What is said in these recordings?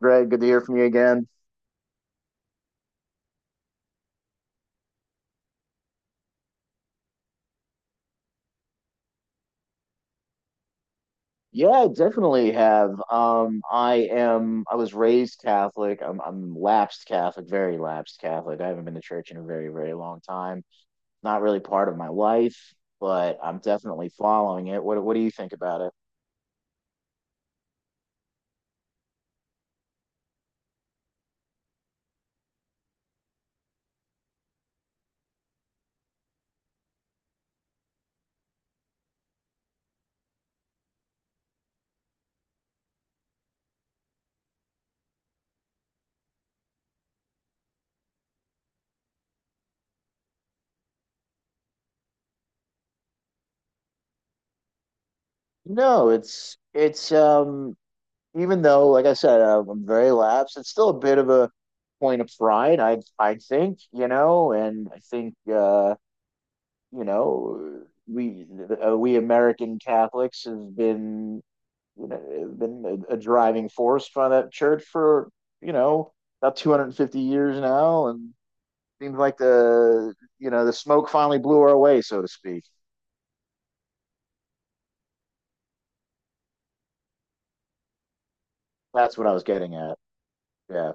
Greg, good to hear from you again. Yeah, I definitely have. I am. I was raised Catholic. I'm lapsed Catholic, very lapsed Catholic. I haven't been to church in a very, very long time. Not really part of my life, but I'm definitely following it. What do you think about it? No, it's even though, like I said, I'm very lapsed. It's still a bit of a point of pride, I think, you know, and I think you know, we we American Catholics have been, you know, been a driving force for that church for, you know, about 250 years now, and seems like the, you know, the smoke finally blew our way, so to speak. That's what I was getting at. Yeah,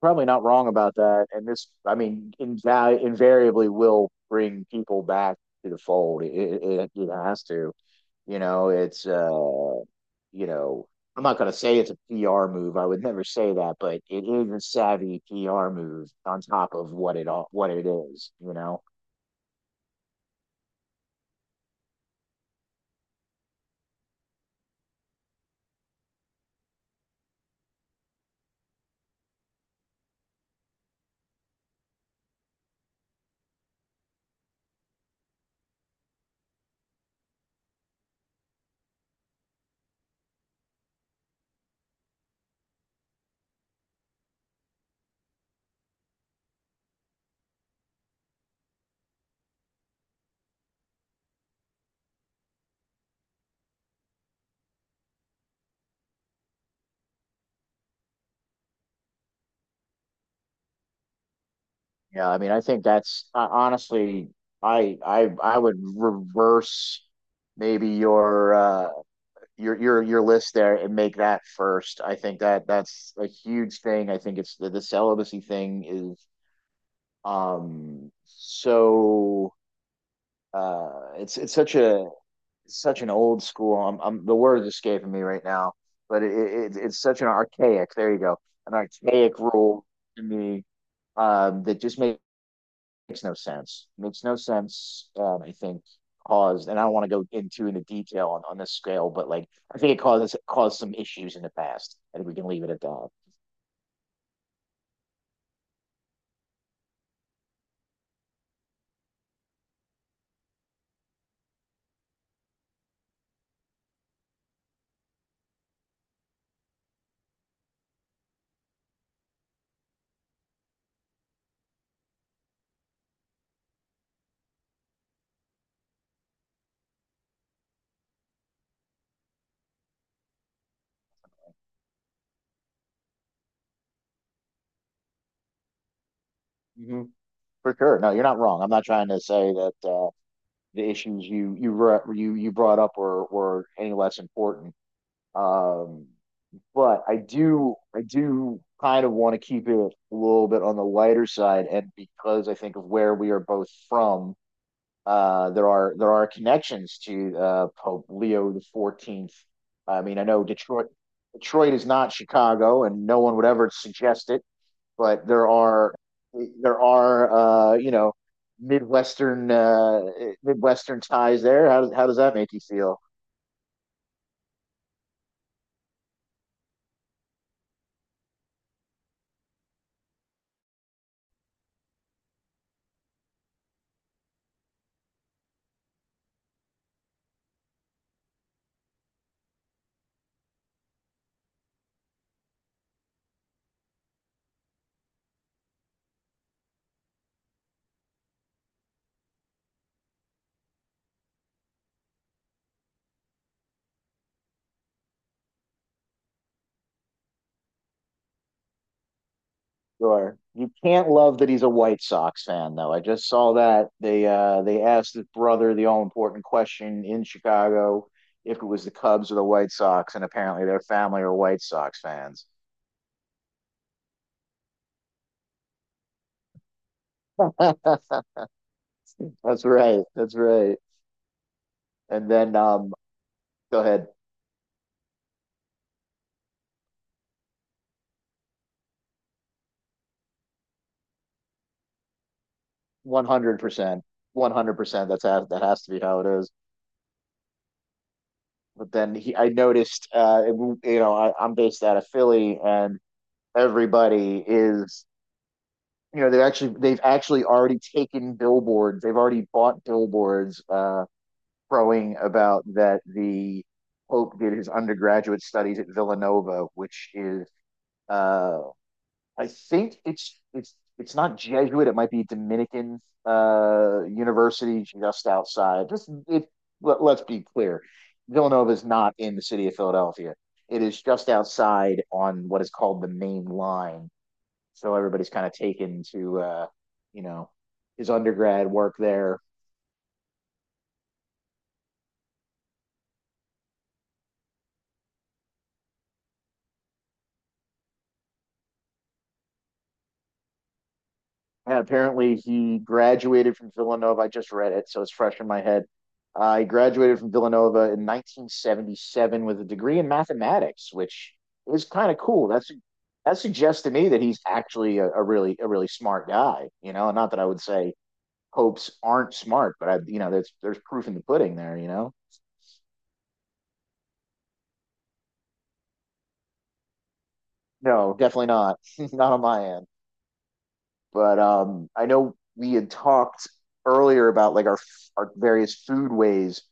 probably not wrong about that. And this, I mean, invariably will bring people back to the fold. It has to. You know, it's you know, I'm not going to say it's a PR move. I would never say that, but it is a savvy PR move on top of what it is. You know, yeah. I mean, I think that's honestly, I would reverse maybe your your list there and make that first. I think that that's a huge thing. I think it's the celibacy thing is um so it's such a such an old school. I'm The word is escaping me right now, but it's such an archaic. There you go, an archaic rule to me, that just makes no sense. Makes no sense. I think caused, and I don't want to go into detail on this scale, but like I think it caused, some issues in the past. I think we can leave it at that. Hmm. For sure. No, you're not wrong. I'm not trying to say that the issues you you re- you brought up were any less important. Um, But I do kind of want to keep it a little bit on the lighter side, and because I think of where we are both from, there are connections to Pope Leo the XIV. I mean, I know Detroit is not Chicago, and no one would ever suggest it, but there are you know, Midwestern uh, Midwestern ties there. How does that make you feel? Sure. You can't love that he's a White Sox fan, though. I just saw that they asked his brother the all important question in Chicago if it was the Cubs or the White Sox, and apparently their family are White Sox fans. That's right. That's right. And then go ahead. 100%. 100%, that's how, that has to be how it is. But then I noticed you know, I'm based out of Philly and everybody is, you know, they've actually already taken billboards they've already bought billboards, crowing about that the pope did his undergraduate studies at Villanova, which is uh I think it's not Jesuit, it might be Dominican, university just outside. Just it Let, let's be clear, Villanova is not in the city of Philadelphia. It is just outside on what is called the Main Line. So everybody's kind of taken to, you know, his undergrad work there. And apparently, he graduated from Villanova. I just read it, so it's fresh in my head. He graduated from Villanova in 1977 with a degree in mathematics, which is kind of cool. That's, that suggests to me that he's actually a really, a really smart guy. You know, not that I would say hopes aren't smart, but you know, there's proof in the pudding there. You know, no, definitely not, not on my end. But I know we had talked earlier about like our various food ways,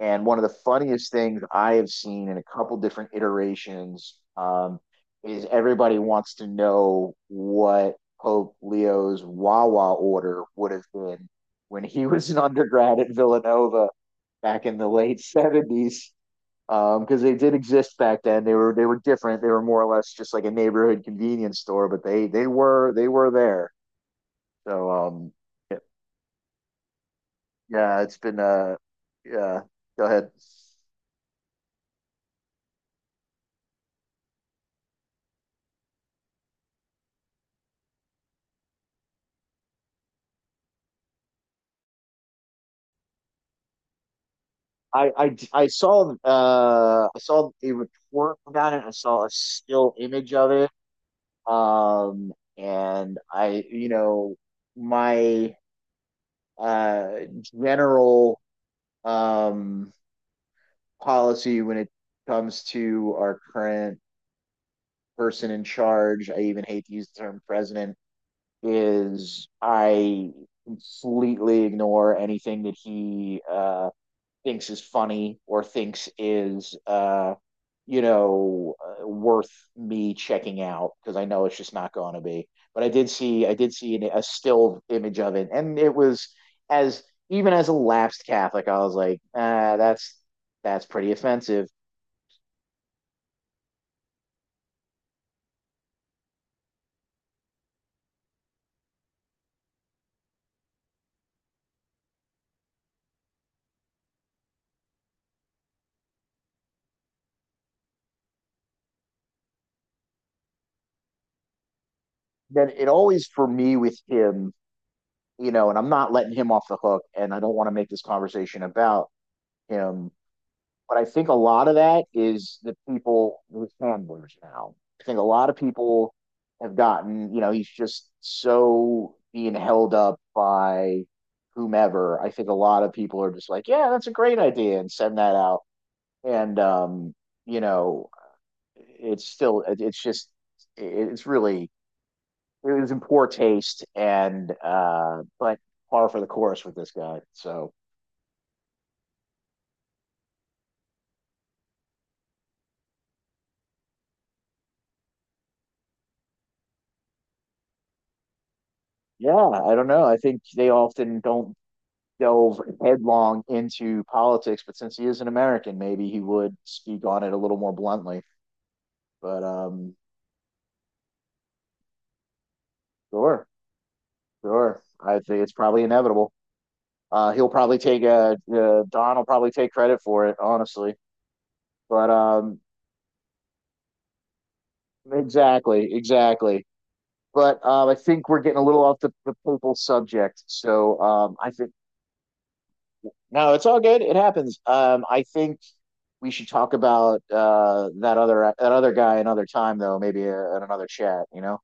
and one of the funniest things I have seen in a couple different iterations, is everybody wants to know what Pope Leo's Wawa order would have been when he was an undergrad at Villanova back in the late 70s, because they did exist back then. They were, different. They were more or less just like a neighborhood convenience store, but they were there. So yeah, it's been yeah. Go ahead. I, I, I saw a report about it. I saw a still image of it. And you know, my uh general um policy when it comes to our current person in charge, I even hate to use the term president, is I completely ignore anything that he thinks is funny or thinks is, you know, worth me checking out because I know it's just not going to be. But I did see a still image of it, and it was, as, even as a lapsed Catholic, I was like, ah, that's pretty offensive. Then it always for me with him, you know, and I'm not letting him off the hook, and I don't want to make this conversation about him. But I think a lot of that is the people, with handlers now. I think a lot of people have gotten, you know, he's just so being held up by whomever. I think a lot of people are just like, yeah, that's a great idea and send that out. And, you know, it's just, it's really, it was in poor taste and, but par for the course with this guy. So, yeah, I don't know. I think they often don't delve headlong into politics, but since he is an American, maybe he would speak on it a little more bluntly. But sure, sure, I think it's probably inevitable. He'll probably take Don will probably take credit for it, honestly. But exactly, exactly. But I think we're getting a little off the papal subject. So I think no, it's all good. It happens. I think we should talk about that other guy another time though, maybe in another chat, you know.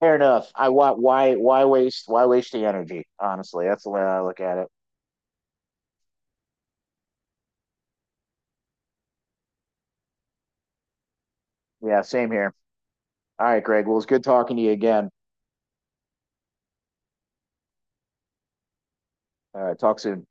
Fair enough. I why why waste the energy? Honestly, that's the way I look at it. Yeah, same here. All right, Greg. Well, it's good talking to you again. All right, talk soon.